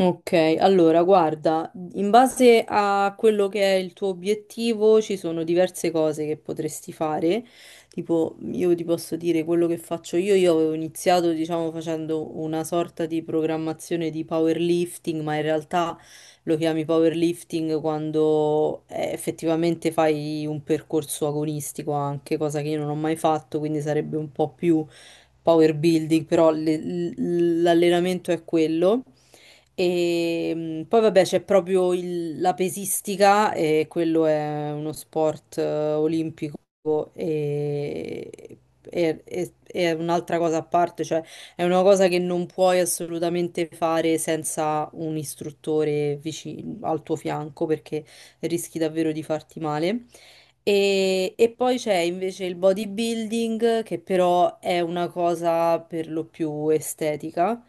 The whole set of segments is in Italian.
Ok, allora guarda, in base a quello che è il tuo obiettivo ci sono diverse cose che potresti fare, tipo io ti posso dire quello che faccio io, avevo iniziato diciamo facendo una sorta di programmazione di powerlifting, ma in realtà lo chiami powerlifting quando effettivamente fai un percorso agonistico anche, cosa che io non ho mai fatto, quindi sarebbe un po' più power building, però l'allenamento è quello. E poi vabbè c'è proprio la pesistica e quello è uno sport olimpico e, è un'altra cosa a parte, cioè è una cosa che non puoi assolutamente fare senza un istruttore vicino al tuo fianco perché rischi davvero di farti male. E poi c'è invece il bodybuilding, che però è una cosa per lo più estetica.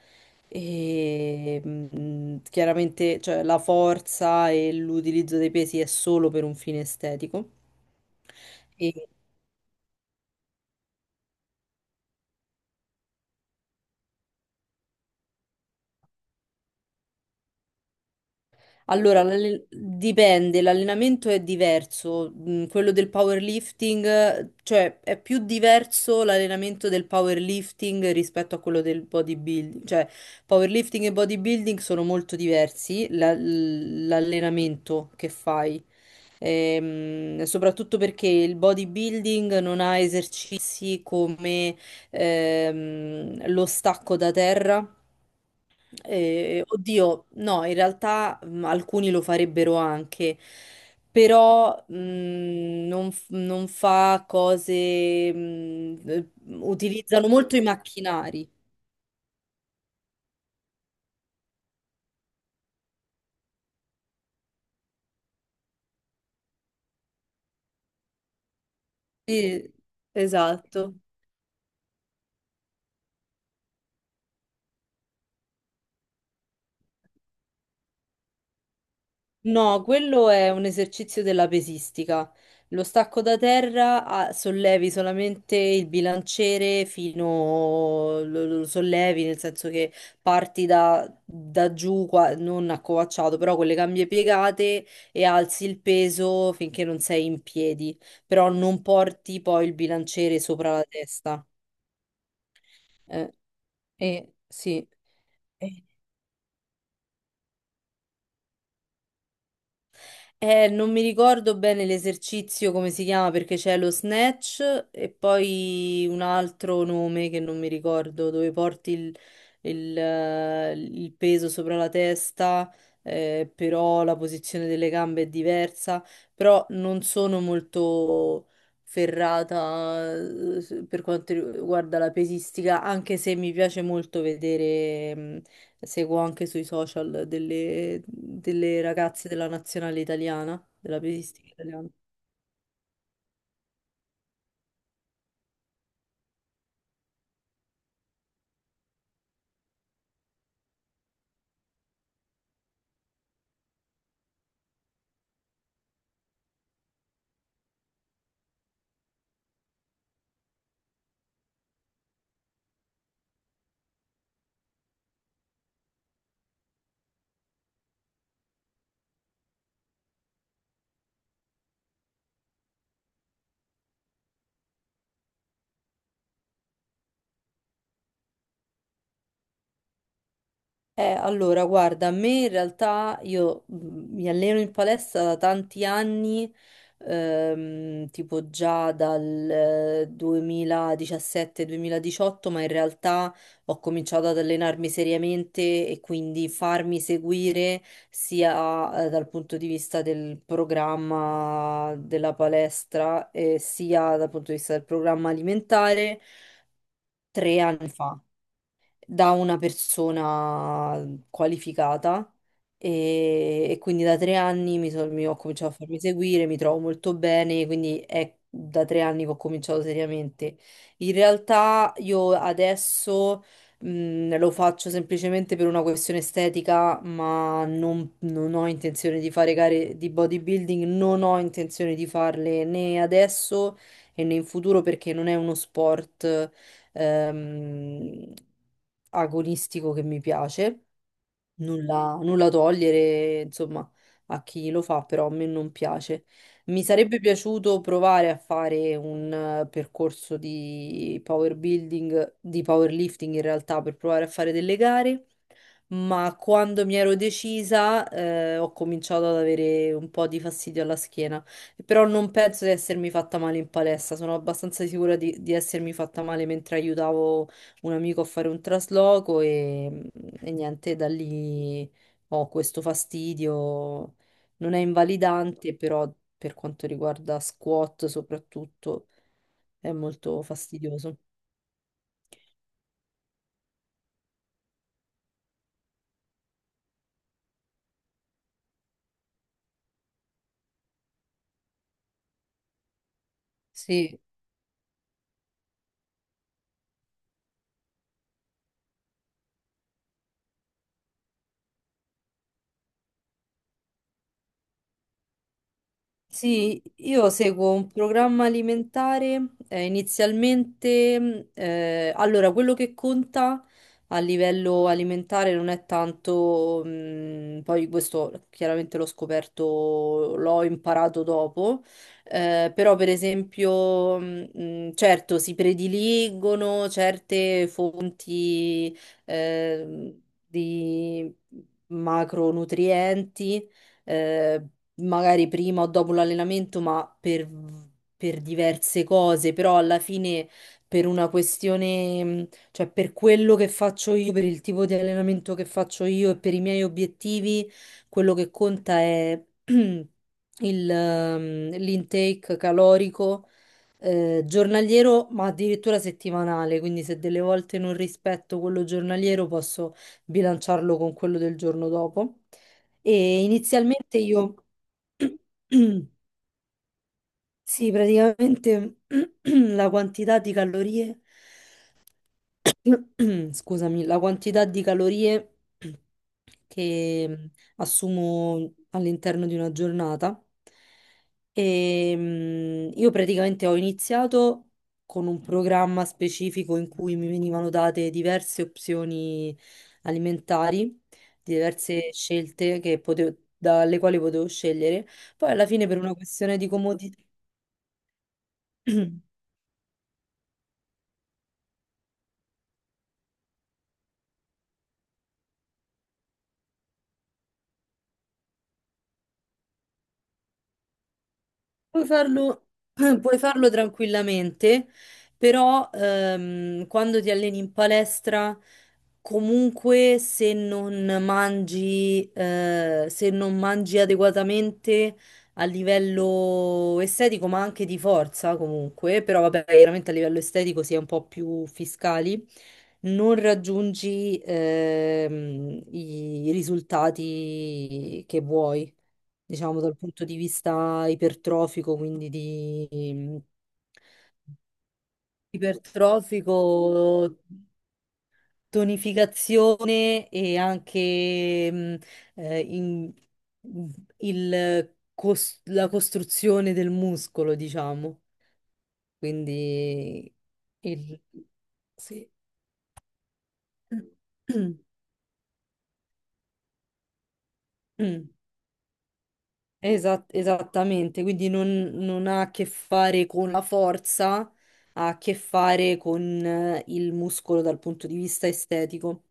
E chiaramente, cioè, la forza e l'utilizzo dei pesi è solo per un fine estetico. E- Allora, dipende, l'allenamento è diverso, quello del powerlifting, cioè è più diverso l'allenamento del powerlifting rispetto a quello del bodybuilding, cioè powerlifting e bodybuilding sono molto diversi, l'allenamento che fai. Soprattutto perché il bodybuilding non ha esercizi come lo stacco da terra. Oddio, no, in realtà alcuni lo farebbero anche, però non fa cose, utilizzano molto i macchinari. Sì, esatto. No, quello è un esercizio della pesistica. Lo stacco da terra ah, sollevi solamente il bilanciere fino, lo sollevi nel senso che da giù, non accovacciato, però con le cambie piegate e alzi il peso finché non sei in piedi, però non porti poi il bilanciere sopra la testa. Eh, sì. eh. Non mi ricordo bene l'esercizio come si chiama perché c'è lo snatch e poi un altro nome che non mi ricordo, dove porti il peso sopra la testa, però la posizione delle gambe è diversa, però non sono molto ferrata per quanto riguarda la pesistica, anche se mi piace molto vedere, seguo anche sui social delle ragazze della nazionale italiana, della pesistica italiana. Allora, guarda, a me in realtà mi alleno in palestra da tanti anni, tipo già dal 2017-2018, ma in realtà ho cominciato ad allenarmi seriamente e quindi farmi seguire sia, dal punto di vista del programma della palestra, sia dal punto di vista del programma alimentare 3 anni fa da una persona qualificata e quindi da 3 anni mi ho cominciato a farmi seguire, mi trovo molto bene, quindi è da 3 anni che ho cominciato seriamente. In realtà io adesso lo faccio semplicemente per una questione estetica, ma non ho intenzione di fare gare di bodybuilding, non ho intenzione di farle né adesso e né in futuro perché non è uno sport ehm, agonistico che mi piace, nulla togliere, insomma, a chi lo fa, però a me non piace. Mi sarebbe piaciuto provare a fare un percorso di power building, di powerlifting in realtà, per provare a fare delle gare, ma quando mi ero decisa, ho cominciato ad avere un po' di fastidio alla schiena. Però non penso di essermi fatta male in palestra, sono abbastanza sicura di essermi fatta male mentre aiutavo un amico a fare un trasloco e niente, da lì ho questo fastidio. Non è invalidante, però per quanto riguarda squat soprattutto è molto fastidioso. Sì, sì, io seguo un programma alimentare, inizialmente, allora quello che conta a livello alimentare non è tanto, poi questo chiaramente l'ho scoperto, l'ho imparato dopo, però per esempio, certo si prediligono certe fonti, di macronutrienti eh, magari prima o dopo l'allenamento, per diverse cose, però alla fine per una questione, cioè per quello che faccio io, per il tipo di allenamento che faccio io e per i miei obiettivi, quello che conta è l'intake calorico. Giornaliero, ma addirittura settimanale, quindi se delle volte non rispetto quello giornaliero, posso bilanciarlo con quello del giorno dopo. E inizialmente io, sì, praticamente la quantità di calorie. Scusami, la quantità di calorie che assumo all'interno di una giornata. Io praticamente ho iniziato con un programma specifico in cui mi venivano date diverse opzioni alimentari, diverse scelte che dalle quali potevo scegliere. Poi alla fine per una questione di comodità. Puoi farlo, puoi farlo tranquillamente, però quando ti alleni in palestra, comunque se non mangi, se non mangi adeguatamente a livello estetico, ma anche di forza comunque, però vabbè, chiaramente a livello estetico si è un po' più fiscali, non raggiungi i risultati che vuoi diciamo dal punto di vista ipertrofico, ipertrofico, tonificazione e anche eh, in- la costruzione del muscolo, diciamo. Quindi il... sì. Esattamente, quindi non ha a che fare con la forza, ha a che fare con il muscolo dal punto di vista estetico.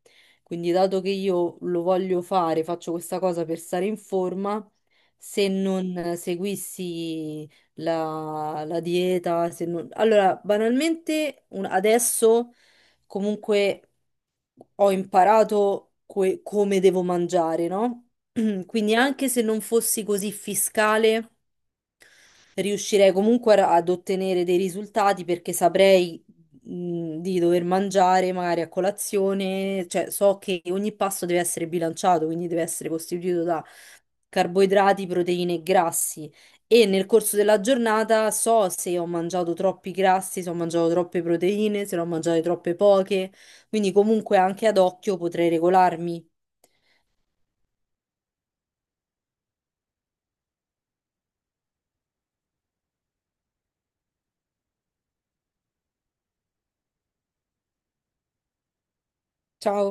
Quindi, dato che io lo voglio fare, faccio questa cosa per stare in forma, se non seguissi la dieta, se non... Allora, banalmente, adesso comunque ho imparato come devo mangiare, no? Quindi anche se non fossi così fiscale, riuscirei comunque ad ottenere dei risultati perché saprei di dover mangiare magari a colazione, cioè so che ogni pasto deve essere bilanciato, quindi deve essere costituito da carboidrati, proteine e grassi. E nel corso della giornata so se ho mangiato troppi grassi, se ho mangiato troppe proteine, se ne ho mangiate troppe poche. Quindi comunque anche ad occhio potrei regolarmi. Ciao.